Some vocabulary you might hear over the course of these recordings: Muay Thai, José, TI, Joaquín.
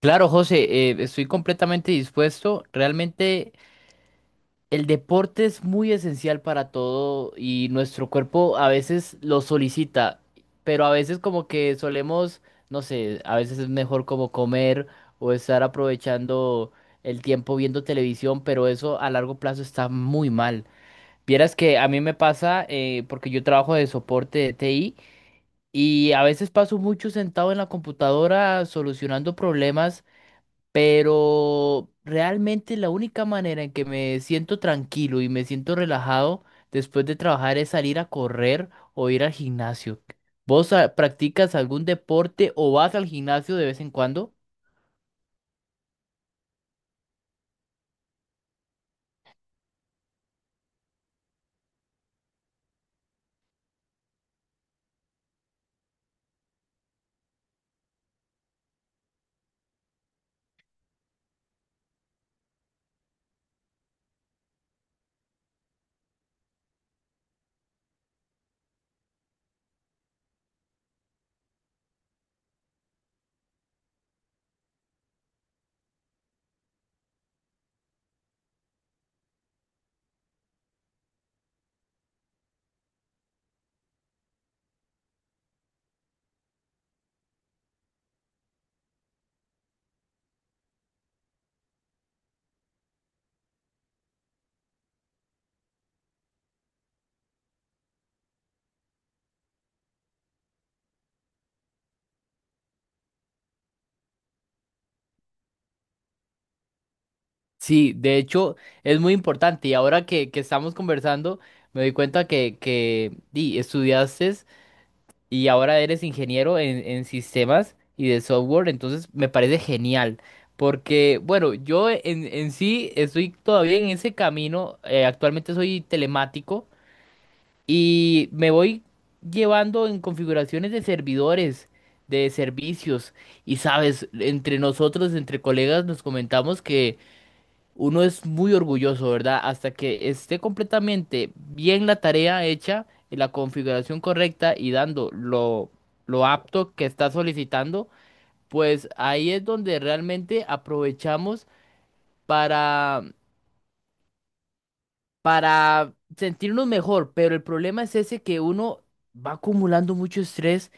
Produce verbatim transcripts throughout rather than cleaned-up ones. Claro, José, eh, estoy completamente dispuesto. Realmente el deporte es muy esencial para todo y nuestro cuerpo a veces lo solicita, pero a veces como que solemos, no sé, a veces es mejor como comer o estar aprovechando el tiempo viendo televisión, pero eso a largo plazo está muy mal. Vieras que a mí me pasa, eh, porque yo trabajo de soporte de T I y a veces paso mucho sentado en la computadora solucionando problemas, pero realmente la única manera en que me siento tranquilo y me siento relajado después de trabajar es salir a correr o ir al gimnasio. ¿Vos ah, practicas algún deporte o vas al gimnasio de vez en cuando? Sí, de hecho es muy importante, y ahora que, que estamos conversando me doy cuenta que, que di, estudiaste y ahora eres ingeniero en, en sistemas y de software, entonces me parece genial. Porque, bueno, yo en, en sí estoy todavía en ese camino, eh, actualmente soy telemático y me voy llevando en configuraciones de servidores, de servicios, y sabes, entre nosotros, entre colegas, nos comentamos que uno es muy orgulloso, ¿verdad? Hasta que esté completamente bien la tarea hecha, en la configuración correcta y dando lo, lo apto que está solicitando, pues ahí es donde realmente aprovechamos para, para sentirnos mejor. Pero el problema es ese, que uno va acumulando mucho estrés.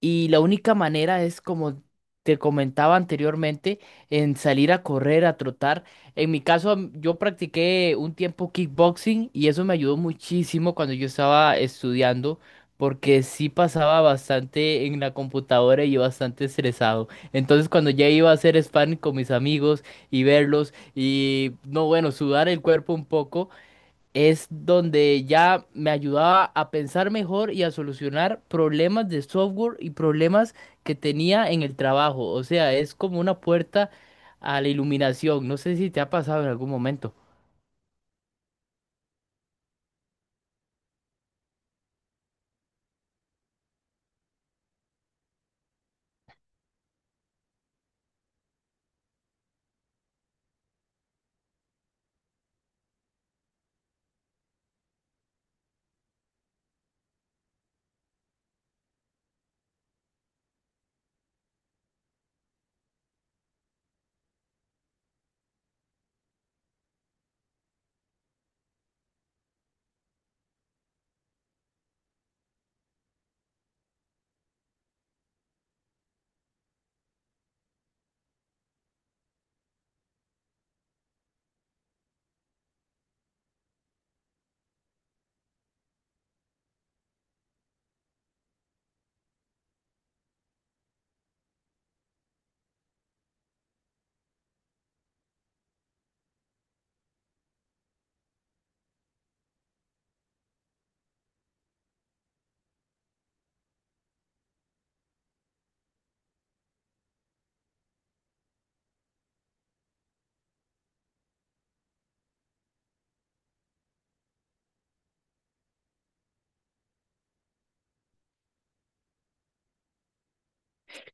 Y la única manera es, como te comentaba anteriormente, en salir a correr, a trotar. En mi caso, am- yo practiqué un tiempo kickboxing y eso me ayudó muchísimo cuando yo estaba estudiando, porque sí pasaba bastante en la computadora y bastante estresado. Entonces, cuando ya iba a hacer sparring con mis amigos y verlos y, no, bueno, sudar el cuerpo un poco, es donde ya me ayudaba a pensar mejor y a solucionar problemas de software y problemas que tenía en el trabajo. O sea, es como una puerta a la iluminación. No sé si te ha pasado en algún momento.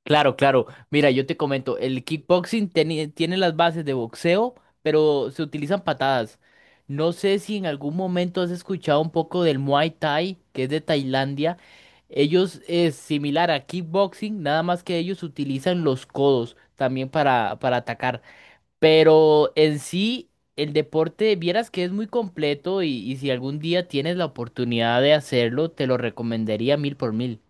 Claro, claro. Mira, yo te comento, el kickboxing teni- tiene las bases de boxeo, pero se utilizan patadas. No sé si en algún momento has escuchado un poco del Muay Thai, que es de Tailandia. Ellos es similar a kickboxing, nada más que ellos utilizan los codos también para, para atacar. Pero en sí, el deporte, vieras que es muy completo, y, y si algún día tienes la oportunidad de hacerlo, te lo recomendaría mil por mil.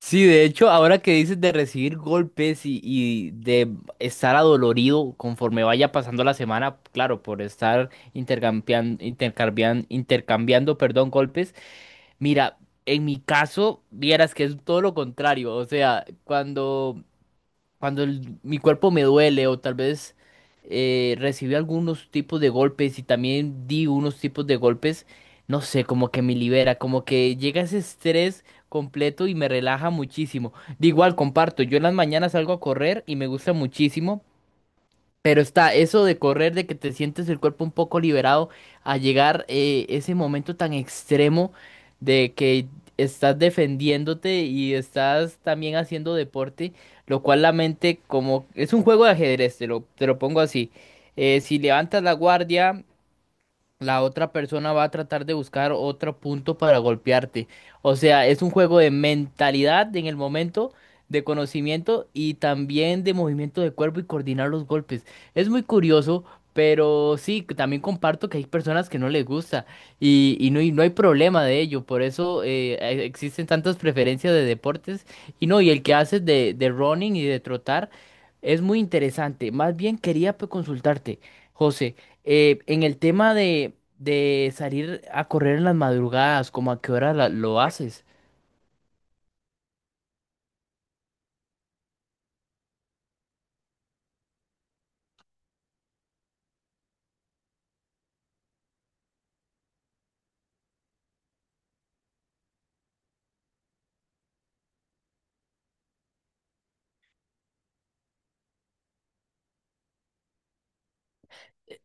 Sí, de hecho, ahora que dices de recibir golpes y, y de estar adolorido conforme vaya pasando la semana, claro, por estar intercambiando, intercambiando, intercambiando, perdón, golpes, mira, en mi caso, vieras que es todo lo contrario, o sea, cuando cuando el- mi cuerpo me duele, o tal vez eh, recibí algunos tipos de golpes y también di unos tipos de golpes, no sé, como que me libera, como que llega ese estrés completo y me relaja muchísimo. De igual, comparto, yo en las mañanas salgo a correr y me gusta muchísimo, pero está eso de correr, de que te sientes el cuerpo un poco liberado, a llegar eh, ese momento tan extremo de que estás defendiéndote y estás también haciendo deporte, lo cual la mente como es un juego de ajedrez, te lo, te lo pongo así. Eh, si levantas la guardia, la otra persona va a tratar de buscar otro punto para golpearte. O sea, es un juego de mentalidad en el momento, de conocimiento y también de movimiento de cuerpo y coordinar los golpes. Es muy curioso, pero sí, que también comparto que hay personas que no les gusta, y, y no, y no hay problema de ello. Por eso eh, e- existen tantas preferencias de deportes, y no, y el que haces de, de running y de trotar es muy interesante. Más bien quería, pues, consultarte. José, eh, en el tema de, de salir a correr en las madrugadas, ¿cómo a qué hora la- lo haces?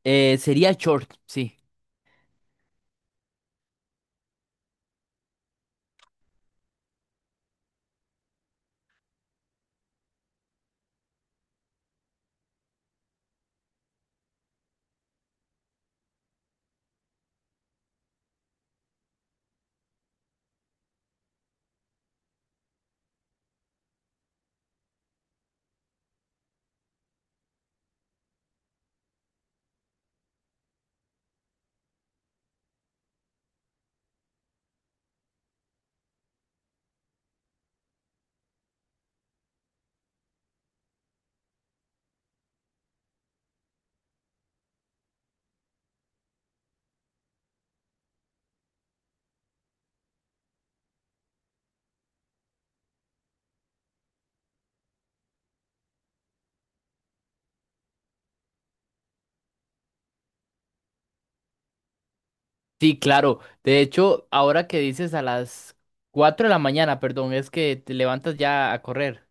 Eh, sería short, sí. Sí, claro. De hecho, ahora que dices a las cuatro de la mañana, perdón, es que te levantas ya a correr.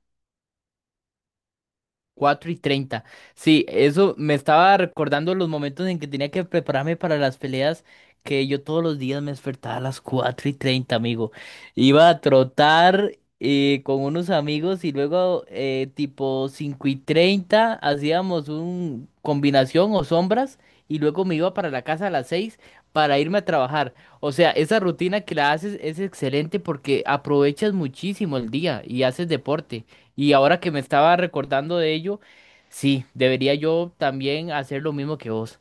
Cuatro y treinta. Sí, eso me estaba recordando los momentos en que tenía que prepararme para las peleas, que yo todos los días me despertaba a las cuatro y treinta, amigo. Iba a trotar eh, con unos amigos y luego eh, tipo cinco y treinta hacíamos un combinación o sombras, y luego me iba para la casa a las seis para irme a trabajar. O sea, esa rutina que la haces es excelente porque aprovechas muchísimo el día y haces deporte. Y ahora que me estaba recordando de ello, sí, debería yo también hacer lo mismo que vos.